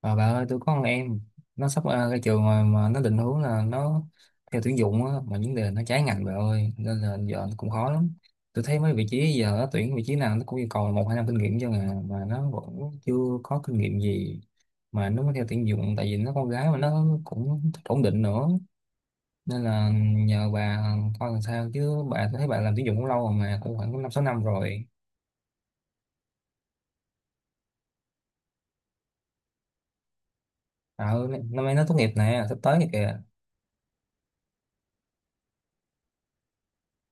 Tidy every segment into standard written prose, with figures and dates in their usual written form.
Ờ, bà ơi, tôi có con em nó sắp ra trường rồi mà nó định hướng là nó theo tuyển dụng á, mà vấn đề nó trái ngành bà ơi, nên là giờ nó cũng khó lắm. Tôi thấy mấy vị trí giờ nó tuyển vị trí nào nó cũng yêu cầu 1 2 năm kinh nghiệm cho à mà nó vẫn chưa có kinh nghiệm gì mà nó mới theo tuyển dụng, tại vì nó con gái mà nó cũng thích ổn định nữa, nên là nhờ bà coi làm sao chứ bà. Tôi thấy bà làm tuyển dụng cũng lâu rồi mà, cũng khoảng 5 6 năm rồi. Năm nay nó tốt nghiệp nè, sắp tới này kìa.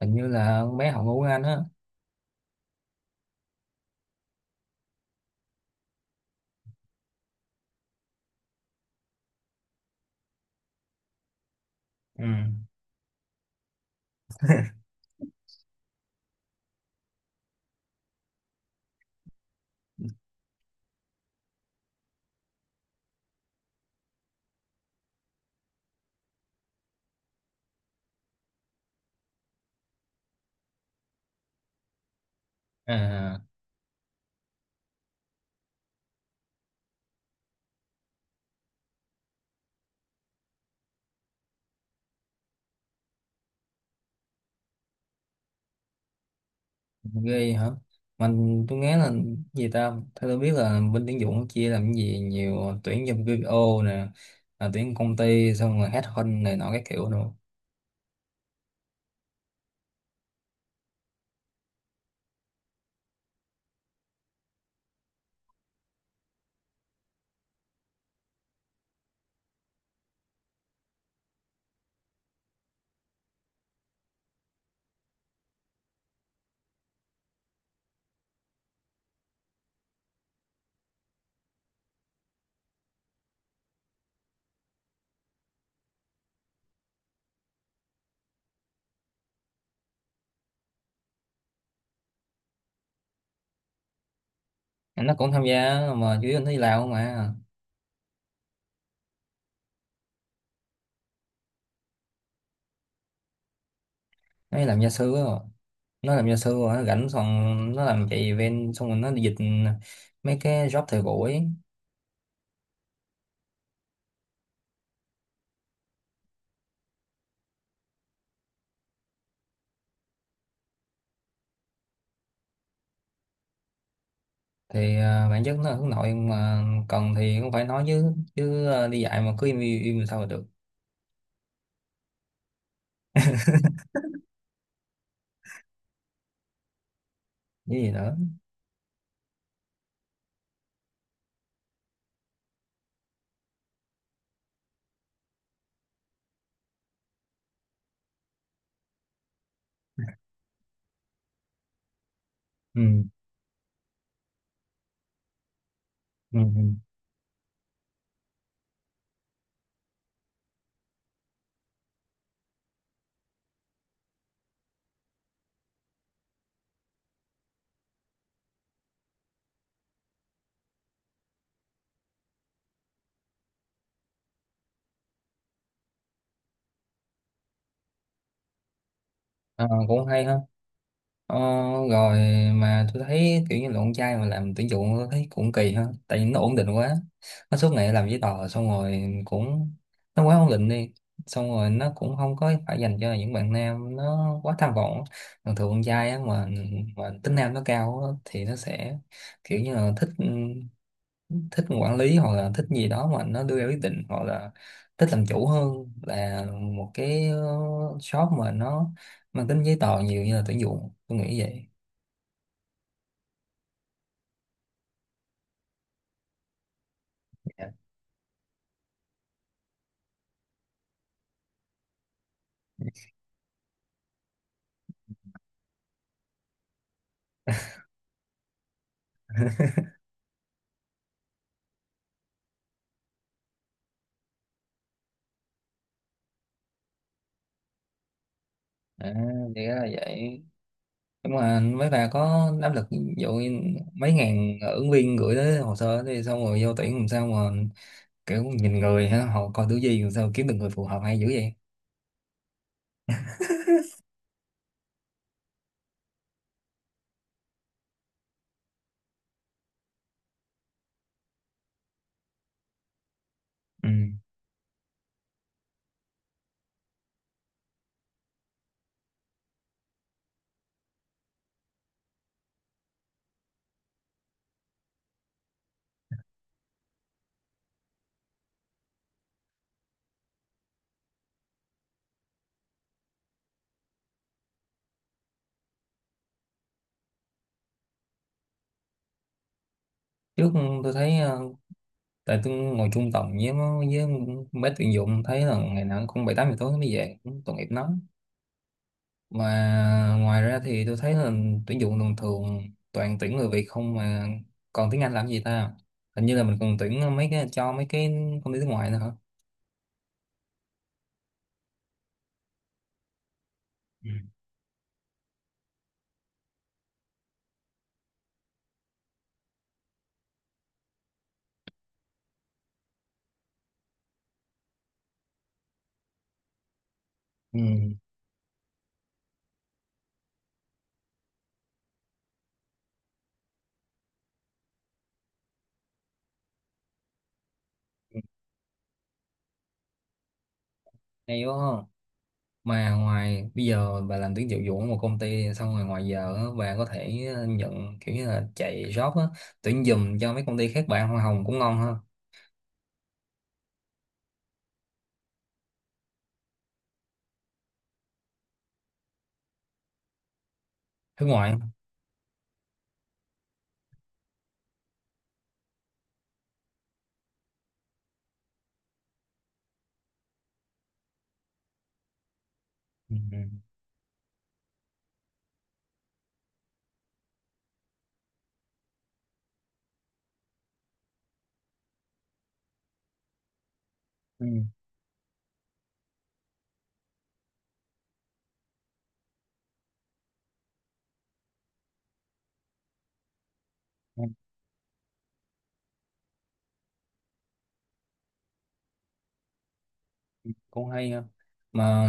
Hình như là con bé học ngôn ngữ Anh á. Ừ. À. Ghê hả? Mình tôi nghe là gì ta, theo tôi biết là bên tuyển dụng chia làm cái gì nhiều, tuyển trong BPO nè, tuyển công ty, xong rồi headhunt này nọ các kiểu nữa. Em nó cũng tham gia mà, chứ nó đi làm mà. Nó đi làm gia sư á. Nó làm gia sư rồi nó rảnh, xong nó làm chạy event xong rồi nó đi dịch mấy cái job thời buổi ấy. Thì bản chất nó là hướng nội mà, cần thì cũng phải nói chứ chứ đi dạy mà cứ im im, im sao mà được. Cái gì nữa? Ừ ừ ừ. À, cũng hay ha. Ờ, Rồi. Mà tôi thấy kiểu như là con trai mà làm tuyển dụng tôi thấy cũng kỳ ha, tại vì nó ổn định quá, nó suốt ngày làm giấy tờ xong rồi cũng, nó quá ổn định đi. Xong rồi nó cũng không có phải dành cho những bạn nam nó quá tham vọng. Thường thường con trai á, mà tính nam nó cao á, thì nó sẽ kiểu như là thích, thích quản lý hoặc là thích gì đó mà nó đưa ra quyết định hoặc là thích làm chủ hơn là một cái shop mà nó mang tính giấy tờ nhiều như là tuyển dụng, tôi nghĩ vậy. Dạ. À, thì ra là vậy. Nhưng mà mấy bà có áp lực ví dụ như mấy ngàn ứng viên gửi tới hồ sơ thì xong rồi vô tuyển làm sao mà, kiểu nhìn người ha, họ coi thứ gì làm sao kiếm được người phù hợp hay dữ vậy. Ừ. Trước tôi thấy tại tôi ngồi chung tổng với nó- với mấy tuyển dụng thấy là ngày nào cũng 7 8 giờ tối nó mới về, cũng tội nghiệp nó. Mà ngoài ra thì tôi thấy là tuyển dụng thường thường toàn tuyển người Việt không mà, còn tiếng Anh làm gì ta? Hình như là mình còn tuyển mấy cái cho mấy cái công ty nước ngoài nữa hả? Ừ. Ừ. Hay quá ha. Mà ngoài, bây giờ bà làm tuyển dụng vụ ở một công ty xong rồi ngoài giờ á, bà có thể nhận kiểu như là chạy job á, tuyển giùm cho mấy công ty khác, bạn hoa hồng cũng ngon ha. Nước ngoài. Ừ. Ừ. Ừ. Cũng hay ha. Mà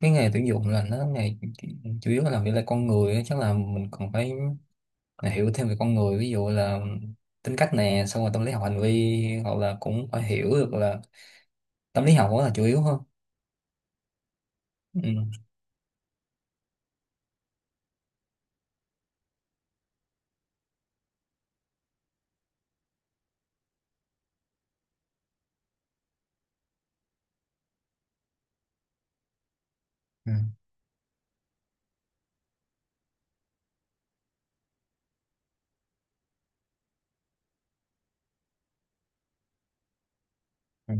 cái nghề tuyển dụng là nó nghề chủ yếu là làm việc là con người á, chắc là mình còn phải hiểu thêm về con người, ví dụ là tính cách nè, xong rồi tâm lý học hành vi, hoặc là cũng phải hiểu được là tâm lý học, đó là chủ yếu hơn. Ừ. Ừ. Ừ.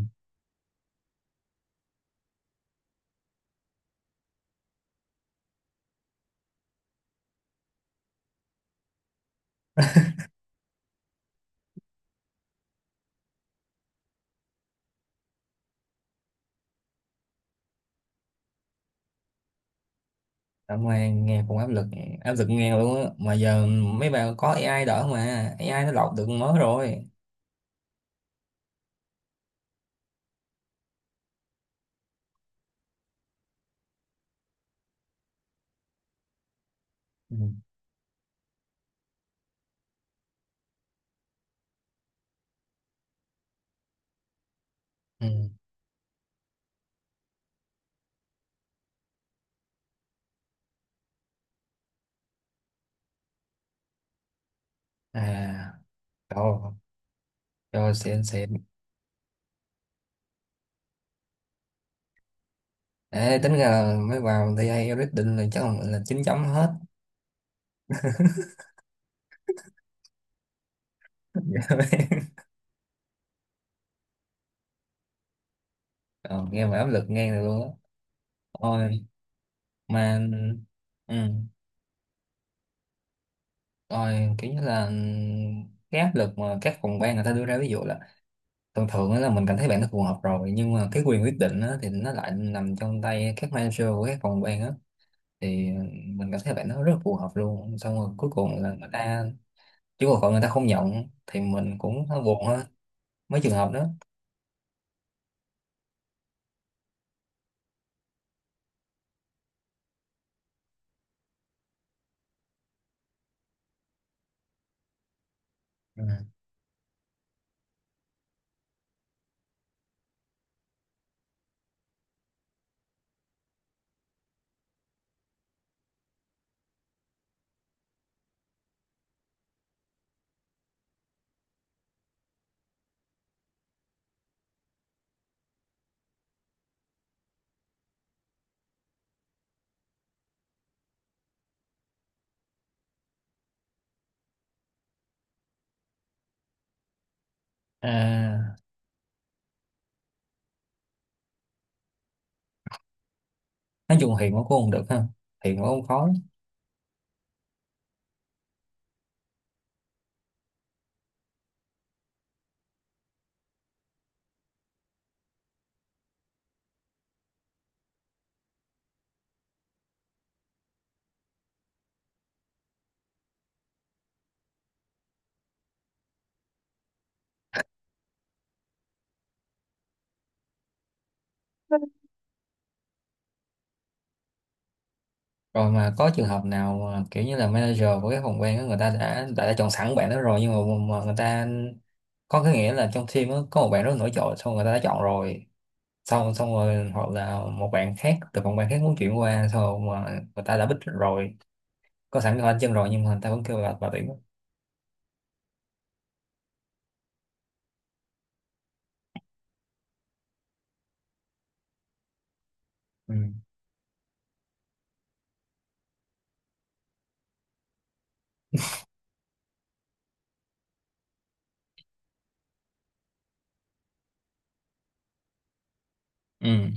Cảm ơn, nghe cũng áp lực, áp lực nghe luôn á. Mà giờ mấy bạn có AI đỡ mà, AI nó lọc được mới rồi. Ừ. Ừ. À, rồi. Rồi, xịn xịn. Ê, tính ra là mấy vào thì AI quyết là chắc là 9 chấm hết. Ờ, nghe mà áp lực ngang được luôn á. Ôi, mà ừ. Ôi, kiểu như là cái áp lực mà các phòng ban người ta đưa ra, ví dụ là thường thường á là mình cảm thấy bạn nó phù hợp rồi nhưng mà cái quyền quyết định á, thì nó lại nằm trong tay các manager của các phòng ban á. Thì mình cảm thấy bạn nó rất phù hợp luôn, xong rồi cuối cùng là người ta, chứ còn người ta không nhận thì mình cũng hơi buồn ha, mấy trường hợp đó. Ừ. À, nói chung hiền quá cũng không được ha, hiền quá cũng khó. Rồi mà có trường hợp nào mà kiểu như là manager của cái phòng ban đó người ta đã chọn sẵn bạn đó rồi nhưng mà người ta có cái nghĩa là trong team đó, có một bạn rất nổi trội xong người ta đã chọn rồi, xong xong rồi hoặc là một bạn khác từ phòng ban khác muốn chuyển qua xong rồi mà người ta đã bích rồi, có sẵn cái bàn chân rồi nhưng mà người ta vẫn kêu là bà tuyển á. Ừ. Ừ.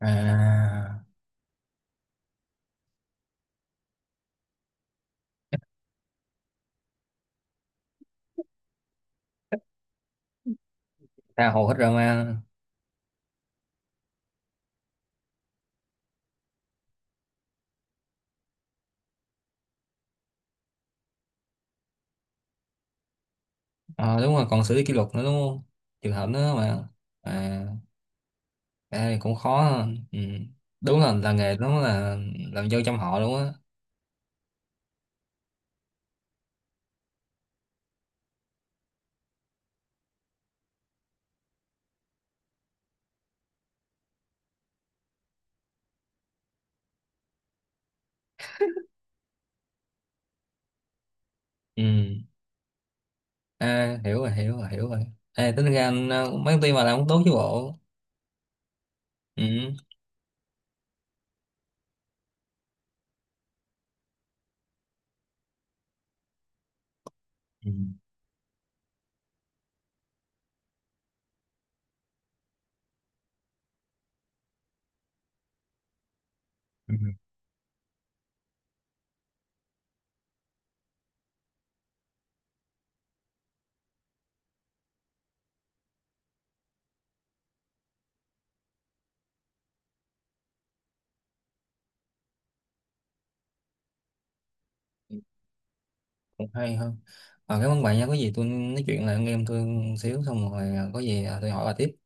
À, tha hồ hết drama. Ờ, đúng rồi, còn xử lý kỷ luật nữa đúng không, trường hợp nữa mà. À. Ê, cũng khó ha. Ừ. Đúng là nghề nó là làm dâu trong họ đúng á. Ừ. À, hiểu rồi, hiểu rồi, hiểu rồi. Ê, tính ra anh mấy công ty mà làm cũng tốt chứ bộ. Ừ. Ừ. Ừ. Cũng hay hơn. À, cảm ơn bạn nha, có gì tôi nói chuyện lại anh em tôi một xíu xong rồi có gì tôi hỏi bà tiếp.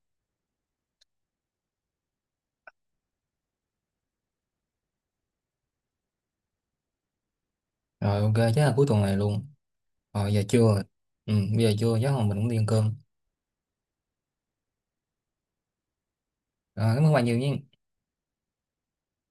Rồi ok, chắc là cuối tuần này luôn. Rồi giờ trưa rồi. Ừ, bây giờ trưa chắc là mình cũng đi ăn cơm. Rồi, cảm ơn bạn nhiều nha.